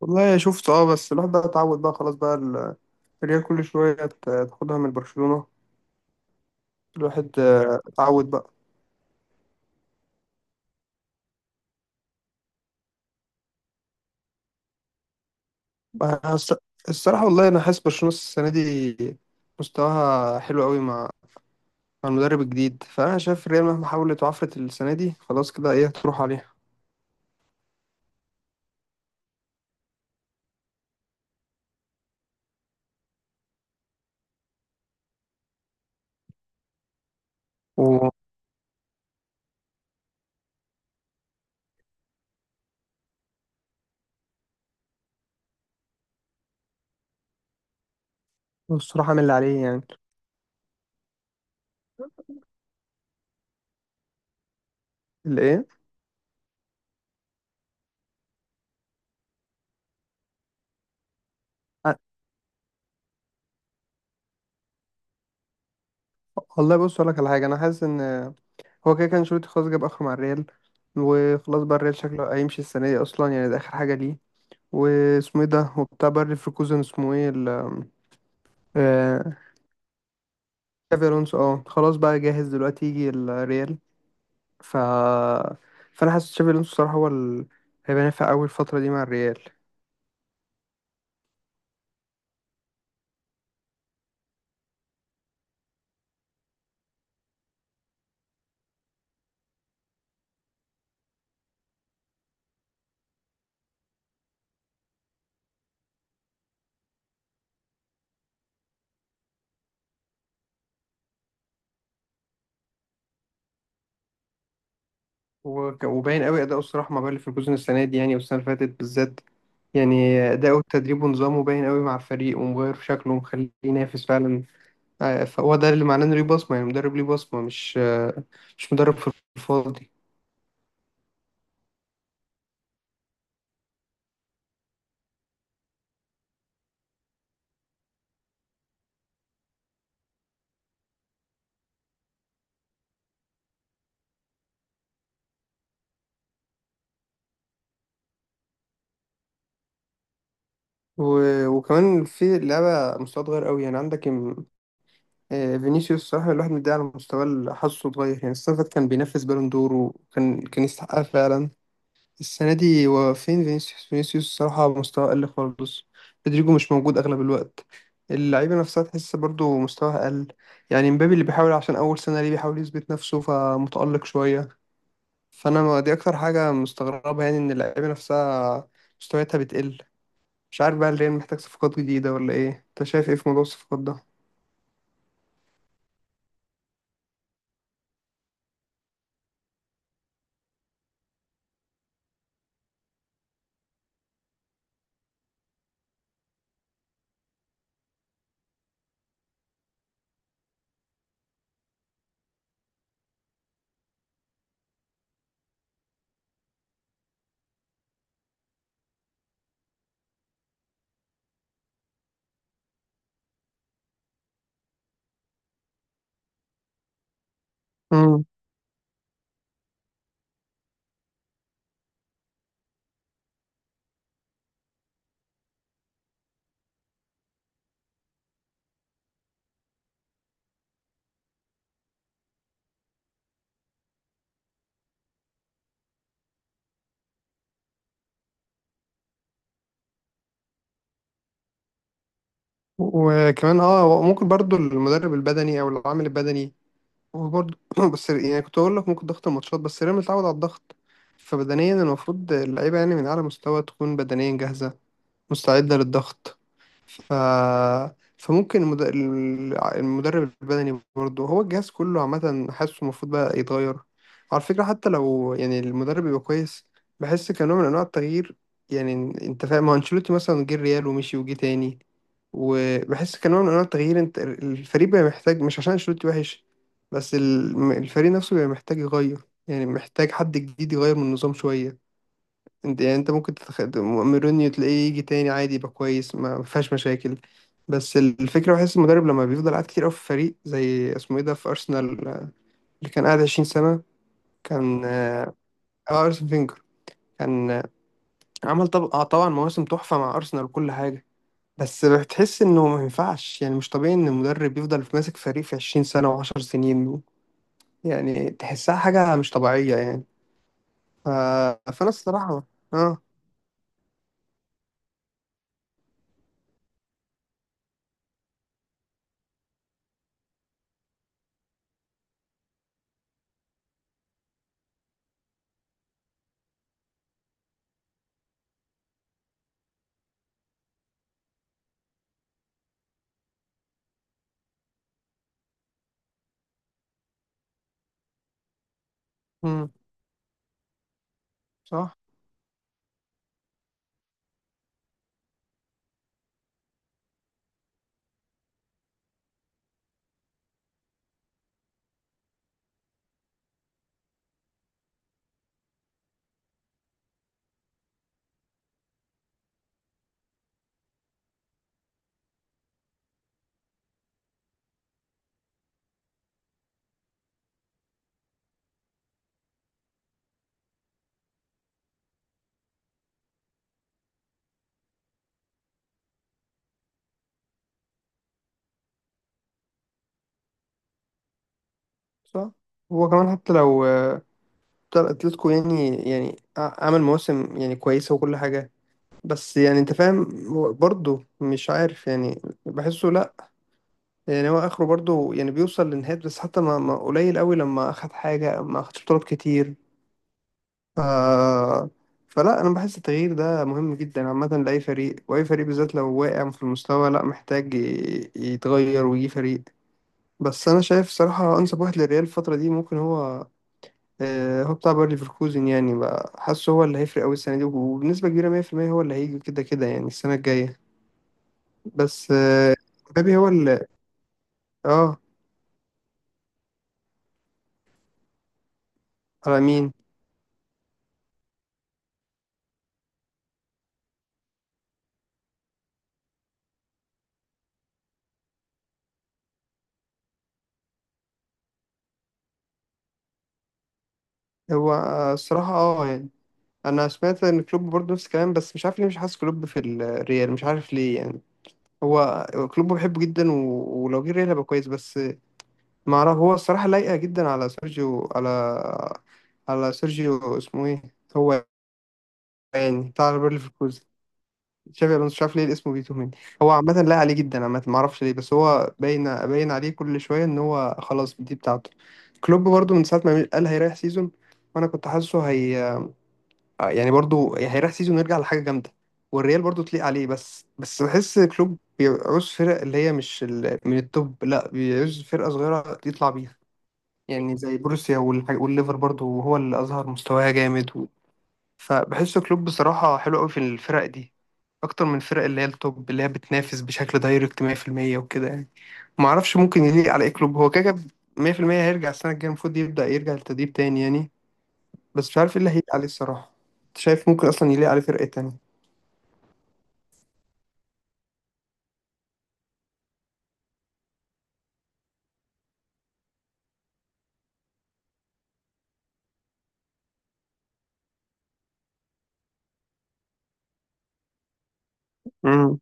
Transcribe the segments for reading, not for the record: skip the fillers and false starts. والله شفت اه بس الواحد بقى اتعود بقى خلاص بقى الريال كل شوية تاخدها من برشلونة. الواحد اتعود بقى. بقى الص- الصراحة والله أنا حاسس برشلونة السنة دي مستواها حلو قوي مع المدرب الجديد، فأنا شايف الريال مهما حاولت وعفرت السنة دي خلاص كده إيه هتروح عليها. و- والصراحة عامل اللي عليه يعني. اللي إيه؟ ع- والله بص أقول لك على حاجة، أنا حاسس إن هو كده كان شروط خلاص جاب آخره مع الريال، وخلاص بقى الريال شكله هيمشي السنة دي أصلا، يعني ده آخر حاجة ليه. واسمه ايه ده وبتاع باير ليفركوزن، اسمه ايه ال آه، تشافي الونسو؟ اه، خلاص بقى جاهز دلوقتي يجي الريال. ف فانا حاسس تشافي الونسو الصراحه هيبقى نافع قوي الفتره دي مع الريال. وباين قوي اداؤه الصراحه مع باير ليفركوزن السنه دي، يعني والسنه اللي فاتت بالذات، يعني اداؤه التدريب ونظامه باين قوي مع الفريق ومغير في شكله ومخليه ينافس فعلا. فهو ده اللي معناه انه ليه بصمه، يعني مدرب ليه بصمه، مش مدرب في الفاضي. وكمان في لعبة مستوى صغير قوي، يعني عندك فينيسيوس الصراحة الواحد مديه على مستوى حاسه صغير. يعني السنة اللي فاتت كان بينافس بالون دور، وكان يستحقها فعلا. السنة دي هو فين فينيسيوس؟ فينيسيوس الصراحة مستوى أقل خالص. رودريجو مش موجود أغلب الوقت. اللعيبة نفسها تحس برضو مستواها أقل. يعني مبابي اللي بيحاول عشان أول سنة ليه، بيحاول يثبت نفسه فمتألق شوية. فأنا ما- دي أكتر حاجة مستغربة، يعني إن اللعيبة نفسها مستوياتها بتقل. مش عارف بقى الريال محتاج صفقات جديدة ولا ايه، انت شايف ايه في موضوع الصفقات ده؟ مم. وكمان اه ممكن برضو المدرب البدني او العامل البدني. وبرضو بس يعني كنت اقول لك ممكن ضغط الماتشات، بس الريال متعود على الضغط، فبدنيا المفروض اللعيبة يعني من اعلى مستوى تكون بدنيا جاهزة، مستعدة للضغط. ف... فممكن المد... المدرب البدني برضه هو الجهاز كله عامة، حاسه المفروض بقى يتغير على فكرة. حتى لو يعني المدرب يبقى كويس، بحس كنوع من أنواع التغيير يعني. أنت فاهم، ما هو أنشيلوتي مثلا جه الريال ومشي وجه تاني، وبحس كنوع من أنواع التغيير. أنت الفريق بقى محتاج، مش عشان أنشيلوتي وحش، بس الفريق نفسه بقى محتاج يغير، يعني محتاج حد جديد يغير من النظام شوية. انت يعني انت ممكن مورينيو تلاقيه يجي تاني عادي، يبقى كويس، ما فيهاش مشاكل. بس الفكرة بحس المدرب لما بيفضل قاعد كتير قوي في فريق زي اسمه ايه ده في أرسنال، اللي كان قاعد 20 سنة. كان أرسن فينجر، كان عمل طب... آه، طبعا مواسم تحفة مع أرسنال وكل حاجة. بس بتحس انه ما ينفعش، يعني مش طبيعي ان المدرب يفضل ماسك فريق في 20 سنة و10 سنين. يعني تحسها حاجة مش طبيعية يعني. ف... فأنا الصراحة اه. مم، صح. صح. هو كمان حتى لو طبعا اتلتيكو يعني يعني عمل مواسم يعني كويسة وكل حاجة، بس يعني انت فاهم هو برضه مش عارف، يعني بحسه لا، يعني هو اخره برضه يعني بيوصل لنهاية، بس حتى ما قليل قوي لما اخد حاجة، ما اخدش بطولات كتير. ف... فلا، انا بحس التغيير ده مهم جدا عامة لأي فريق، واي فريق بالذات لو واقع في المستوى لا محتاج يتغير ويجي فريق. بس انا شايف صراحة انسب واحد للريال الفترة دي ممكن هو هو بتاع باير ليفركوزن، يعني بقى حاسه هو اللي هيفرق قوي السنه دي وبنسبه كبيره 100%، هو اللي هيجي كده كده يعني السنه الجايه. بس مبابي هو اللي اه. على مين؟ هو الصراحه اه يعني انا سمعت ان كلوب برضه نفس الكلام، بس مش عارف ليه مش حاسس كلوب في الريال، مش عارف ليه يعني. هو كلوب بحبه جدا، ولو جه الريال هيبقى كويس، بس ما اعرف هو الصراحه لايقه جدا على سيرجيو، على على سيرجيو اسمه ايه هو، يعني بتاع باير ليفركوزن، تشافي الونسو. مش عارف ليه الاسم بيتوه مني. هو عامة لا عليه جدا عامة، ما اعرفش ليه، بس هو باين باين عليه كل شوية ان هو خلاص دي بتاعته. كلوب برضو من ساعة ما قال هيريح سيزون، وانا كنت حاسه هي، يعني برضو هيريح سيزون ويرجع لحاجة جامدة، والريال برضو تليق عليه، بس بحس كلوب بيعوز فرق اللي هي مش من التوب، لا بيعوز فرقة صغيرة يطلع بيها، يعني زي بروسيا والليفر برضو هو اللي اظهر مستواها جامد. فبحس كلوب بصراحة حلو قوي في الفرق دي اكتر من الفرق اللي هي التوب، اللي هي بتنافس بشكل دايركت 100%، وكده يعني. ما اعرفش ممكن يليق على ايه كلوب، هو كده كده 100% هيرجع السنه الجايه المفروض يبدا يرجع للتدريب تاني يعني. بس مش عارف ايه اللي هيليق عليه الصراحه. أنت شايف ممكن اصلا يليق عليه فرقه تانية؟ امم.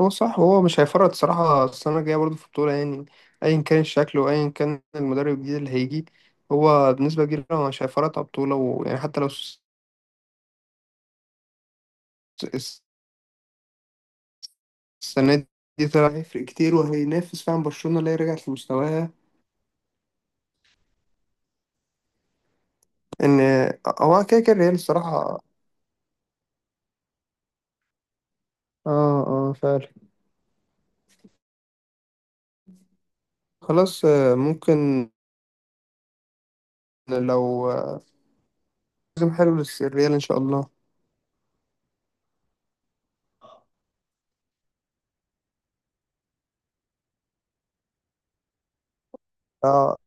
هو صح، هو مش هيفرط صراحه السنه الجايه برضه في البطوله، يعني ايا كان الشكل وايا كان المدرب الجديد اللي هيجي، هو بنسبه كبيره هو مش هيفرط على البطوله، ويعني حتى لو الس- السنه دي طلع هيفرق كتير وهينافس فعلا برشلونه اللي هي رجعت لمستواها. ان هو كده كده الريال الصراحه اه. اه، فعلا. خلاص ممكن. لو موسم حلو للريال ان شاء الله. اه